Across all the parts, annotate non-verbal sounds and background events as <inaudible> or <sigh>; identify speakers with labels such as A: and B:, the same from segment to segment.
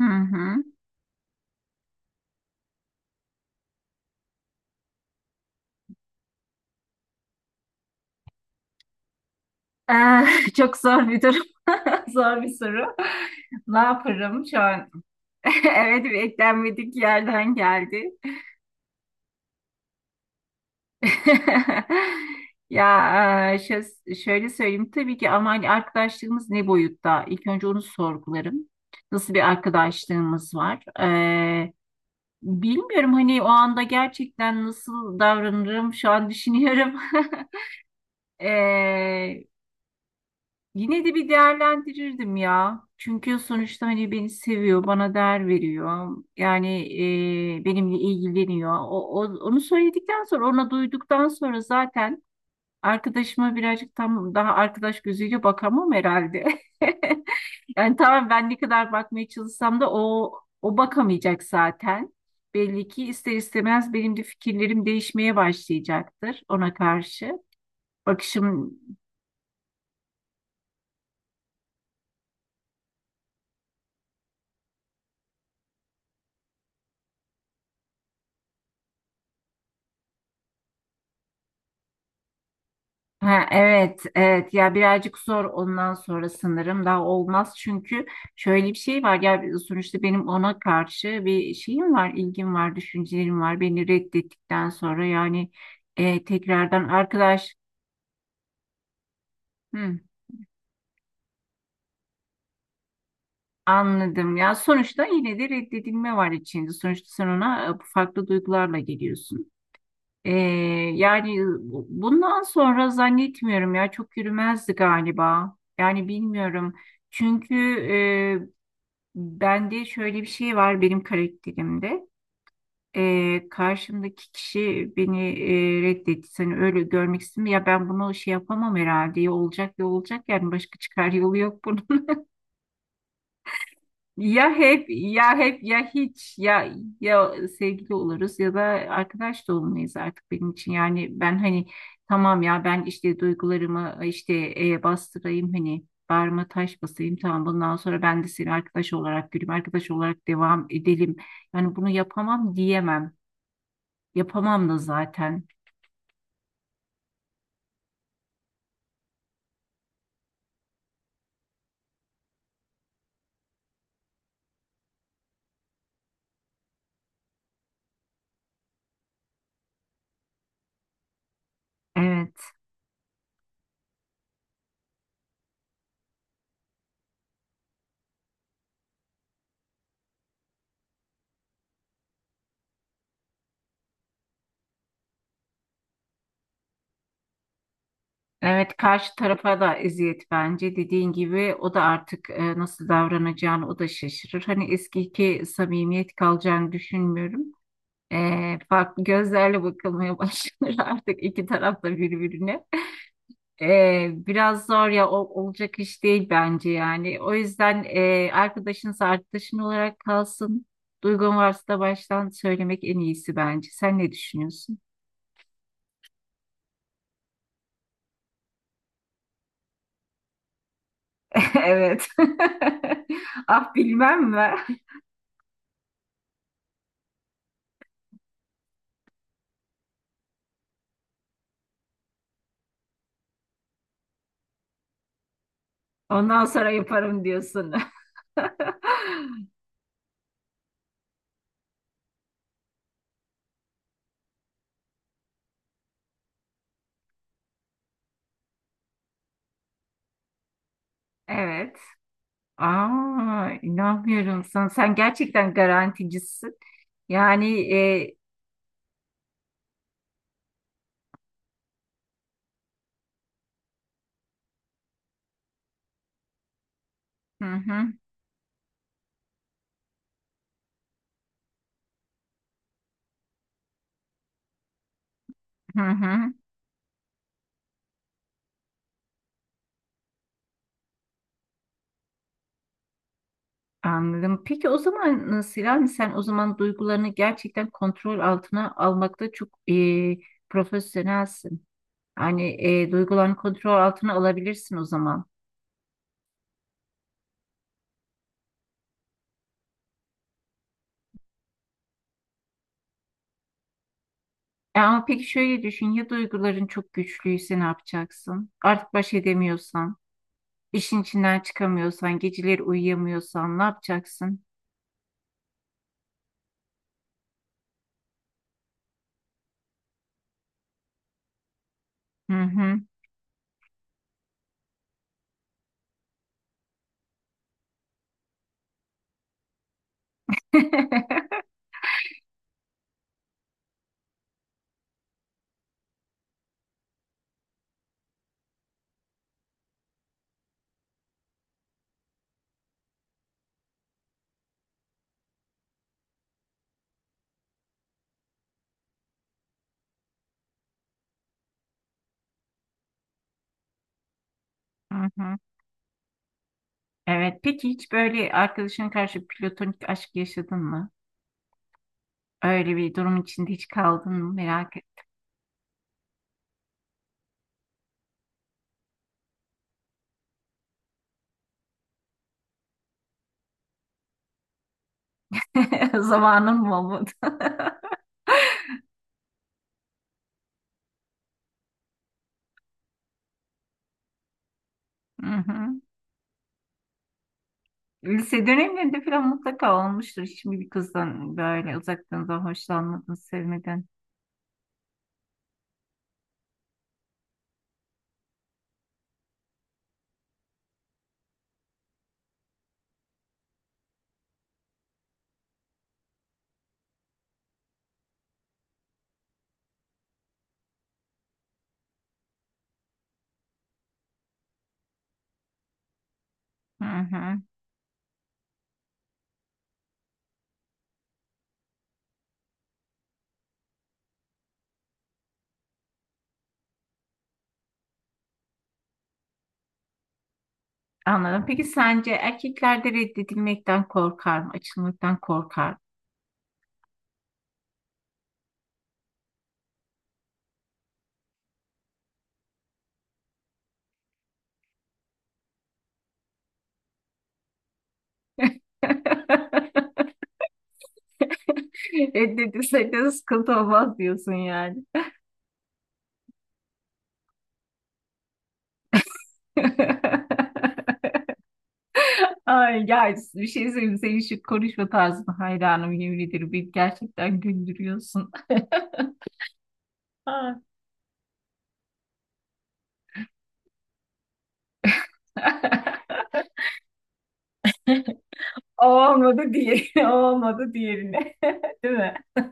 A: Hı hı. <laughs> Çok zor bir durum. <laughs> Zor bir soru. Ne yaparım şu an? <laughs> Evet, beklenmedik yerden geldi. <laughs> Ya şöyle söyleyeyim tabii ki ama hani arkadaşlığımız ne boyutta? İlk önce onu sorgularım. Nasıl bir arkadaşlığımız var? Bilmiyorum hani o anda gerçekten nasıl davranırım şu an düşünüyorum. <laughs> Ee, Yine de bir değerlendirirdim ya. Çünkü sonuçta hani beni seviyor, bana değer veriyor. Yani benimle ilgileniyor. Onu söyledikten sonra, ona duyduktan sonra zaten arkadaşıma birazcık tam daha arkadaş gözüyle bakamam herhalde. <laughs> Yani tamam ben ne kadar bakmaya çalışsam da o bakamayacak zaten. Belli ki ister istemez benim de fikirlerim değişmeye başlayacaktır ona karşı. Bakışım. Ha, evet, evet, ya birazcık zor ondan sonra sanırım daha olmaz çünkü şöyle bir şey var ya, sonuçta benim ona karşı bir şeyim var, ilgim var, düşüncelerim var. Beni reddettikten sonra yani tekrardan arkadaş. Hı, anladım ya sonuçta yine de reddedilme var içinde. Sonuçta sen ona farklı duygularla geliyorsun. E, yani bundan sonra zannetmiyorum ya çok yürümezdi galiba. Yani bilmiyorum. Çünkü e, bende şöyle bir şey var benim karakterimde. Karşımdaki kişi beni reddetti. Seni öyle görmek istemiyor. Ya ben bunu şey yapamam herhalde. Ya olacak ya olacak yani başka çıkar yolu yok bunun. Ya hep ya hep ya hiç ya ya sevgili oluruz ya da arkadaş da olmayız artık benim için. Yani ben hani tamam ya ben işte duygularımı işte bastırayım hani bağrıma taş basayım tamam bundan sonra ben de seni arkadaş olarak göreyim arkadaş olarak devam edelim. Yani bunu yapamam diyemem. Yapamam da zaten. Evet. Evet, karşı tarafa da eziyet bence dediğin gibi o da artık nasıl davranacağını o da şaşırır. Hani eskiki samimiyet kalacağını düşünmüyorum. Farklı gözlerle bakılmaya <laughs> başlanır artık iki taraf da birbirine. E, biraz zor ya o, olacak iş değil bence yani. O yüzden arkadaşınız arkadaşın olarak kalsın. Duygun varsa da baştan söylemek en iyisi bence. Sen ne düşünüyorsun? <laughs> Evet. <laughs> Ah, bilmem mi? Ondan sonra yaparım diyorsun. <laughs> Evet. Aa, inanmıyorum sana. Sen gerçekten garanticisin. Yani hı hı, hı hı, anladım. Peki o zaman nasıl yani sen o zaman duygularını gerçekten kontrol altına almakta çok profesyonelsin. Hani duygularını kontrol altına alabilirsin o zaman. Ama peki şöyle düşün ya duyguların çok güçlüyse ne yapacaksın? Artık baş edemiyorsan. İşin içinden çıkamıyorsan, geceleri uyuyamıyorsan ne yapacaksın? Hı hı. <laughs> Hı hı. Evet, peki hiç böyle arkadaşına karşı platonik aşk yaşadın mı? Öyle bir durum içinde hiç kaldın mı? Merak et. <laughs> Zamanın mı olmadı? <laughs> Hı hı. Lise dönemlerinde falan mutlaka olmuştur. Hiç mi bir kızdan böyle uzaktan da hoşlanmadın, sevmedin? Hı hı. Anladım. Peki sence erkeklerde reddedilmekten korkar mı? Açılmaktan korkar mı? <laughs> Reddedilsek de sıkıntı olmaz diyorsun yani. <laughs> Ay ya bir şey söyleyeyim senin şu konuşma tarzına hayranım yemin ederim beni gerçekten güldürüyorsun. Ah. <laughs> O olmadı diğeri, <laughs> o olmadı diğerine. <laughs> Değil mi? <laughs>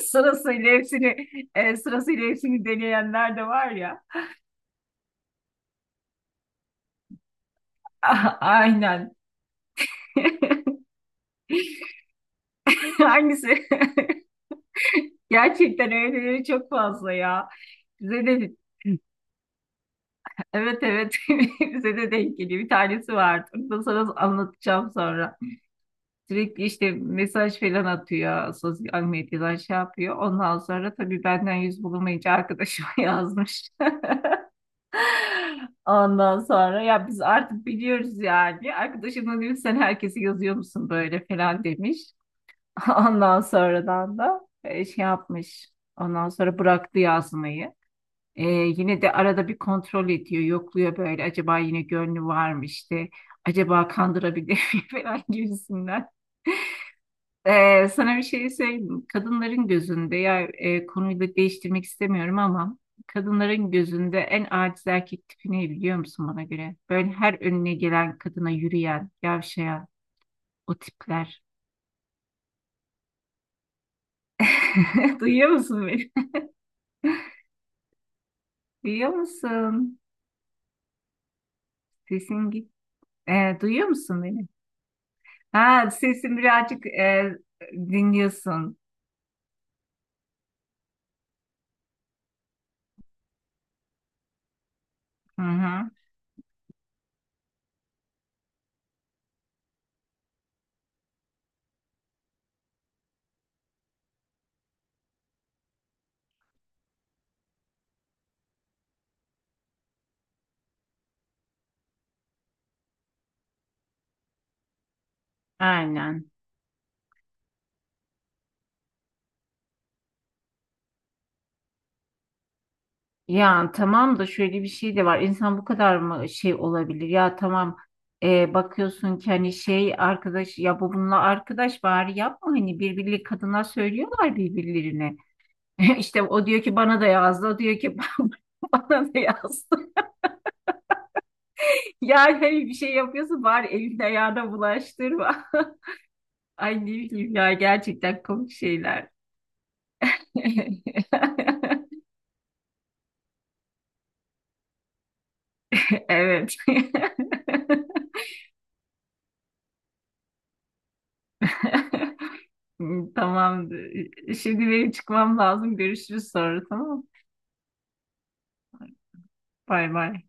A: Sırasıyla hepsini, sırasıyla hepsini deneyenler de var ya. <laughs> Aynen. <laughs> Hangisi? <laughs> Gerçekten öyleleri çok fazla ya. Bize de evet, evet, <laughs> bize de denk geliyor. Bir tanesi vardı. Onu da sana anlatacağım sonra. Sürekli işte mesaj falan atıyor. Sosyal medyadan şey yapıyor. Ondan sonra tabii benden yüz bulamayınca arkadaşıma <laughs> yazmış. <laughs> Ondan sonra ya biz artık biliyoruz yani. Arkadaşım da demiş sen herkesi yazıyor musun böyle falan demiş. <laughs> Ondan sonradan da şey yapmış. Ondan sonra bıraktı yazmayı. Yine de arada bir kontrol ediyor, yokluyor böyle. Acaba yine gönlü var mı işte? Acaba kandırabilir mi <laughs> falan gibisinden. Sana bir şey söyleyeyim. Kadınların gözünde ya konuyu da değiştirmek istemiyorum ama kadınların gözünde en aciz erkek tipi ne biliyor musun bana göre? Böyle her önüne gelen kadına yürüyen, yavşayan o tipler. <laughs> Duyuyor musun beni? Duyuyor musun? Sesin git. Duyuyor musun beni? Ha, sesi birazcık dinliyorsun. Hı hı. Aynen. Ya tamam da şöyle bir şey de var. İnsan bu kadar mı şey olabilir? Ya tamam bakıyorsun ki hani şey arkadaş ya bu bununla arkadaş bari yapma hani birbirleri kadınlar söylüyorlar birbirlerine. <laughs> İşte o diyor ki bana da yazdı, o diyor ki <laughs> bana da yazdı. <laughs> Yani hani bir şey yapıyorsun bari elini ayağına bulaştırma. <laughs> Ay ne bileyim ya gerçekten komik şeyler. <laughs> <laughs> Evet. <laughs> Tamamdır. Şimdi benim çıkmam lazım. Görüşürüz sonra, tamam mı? Bay bay.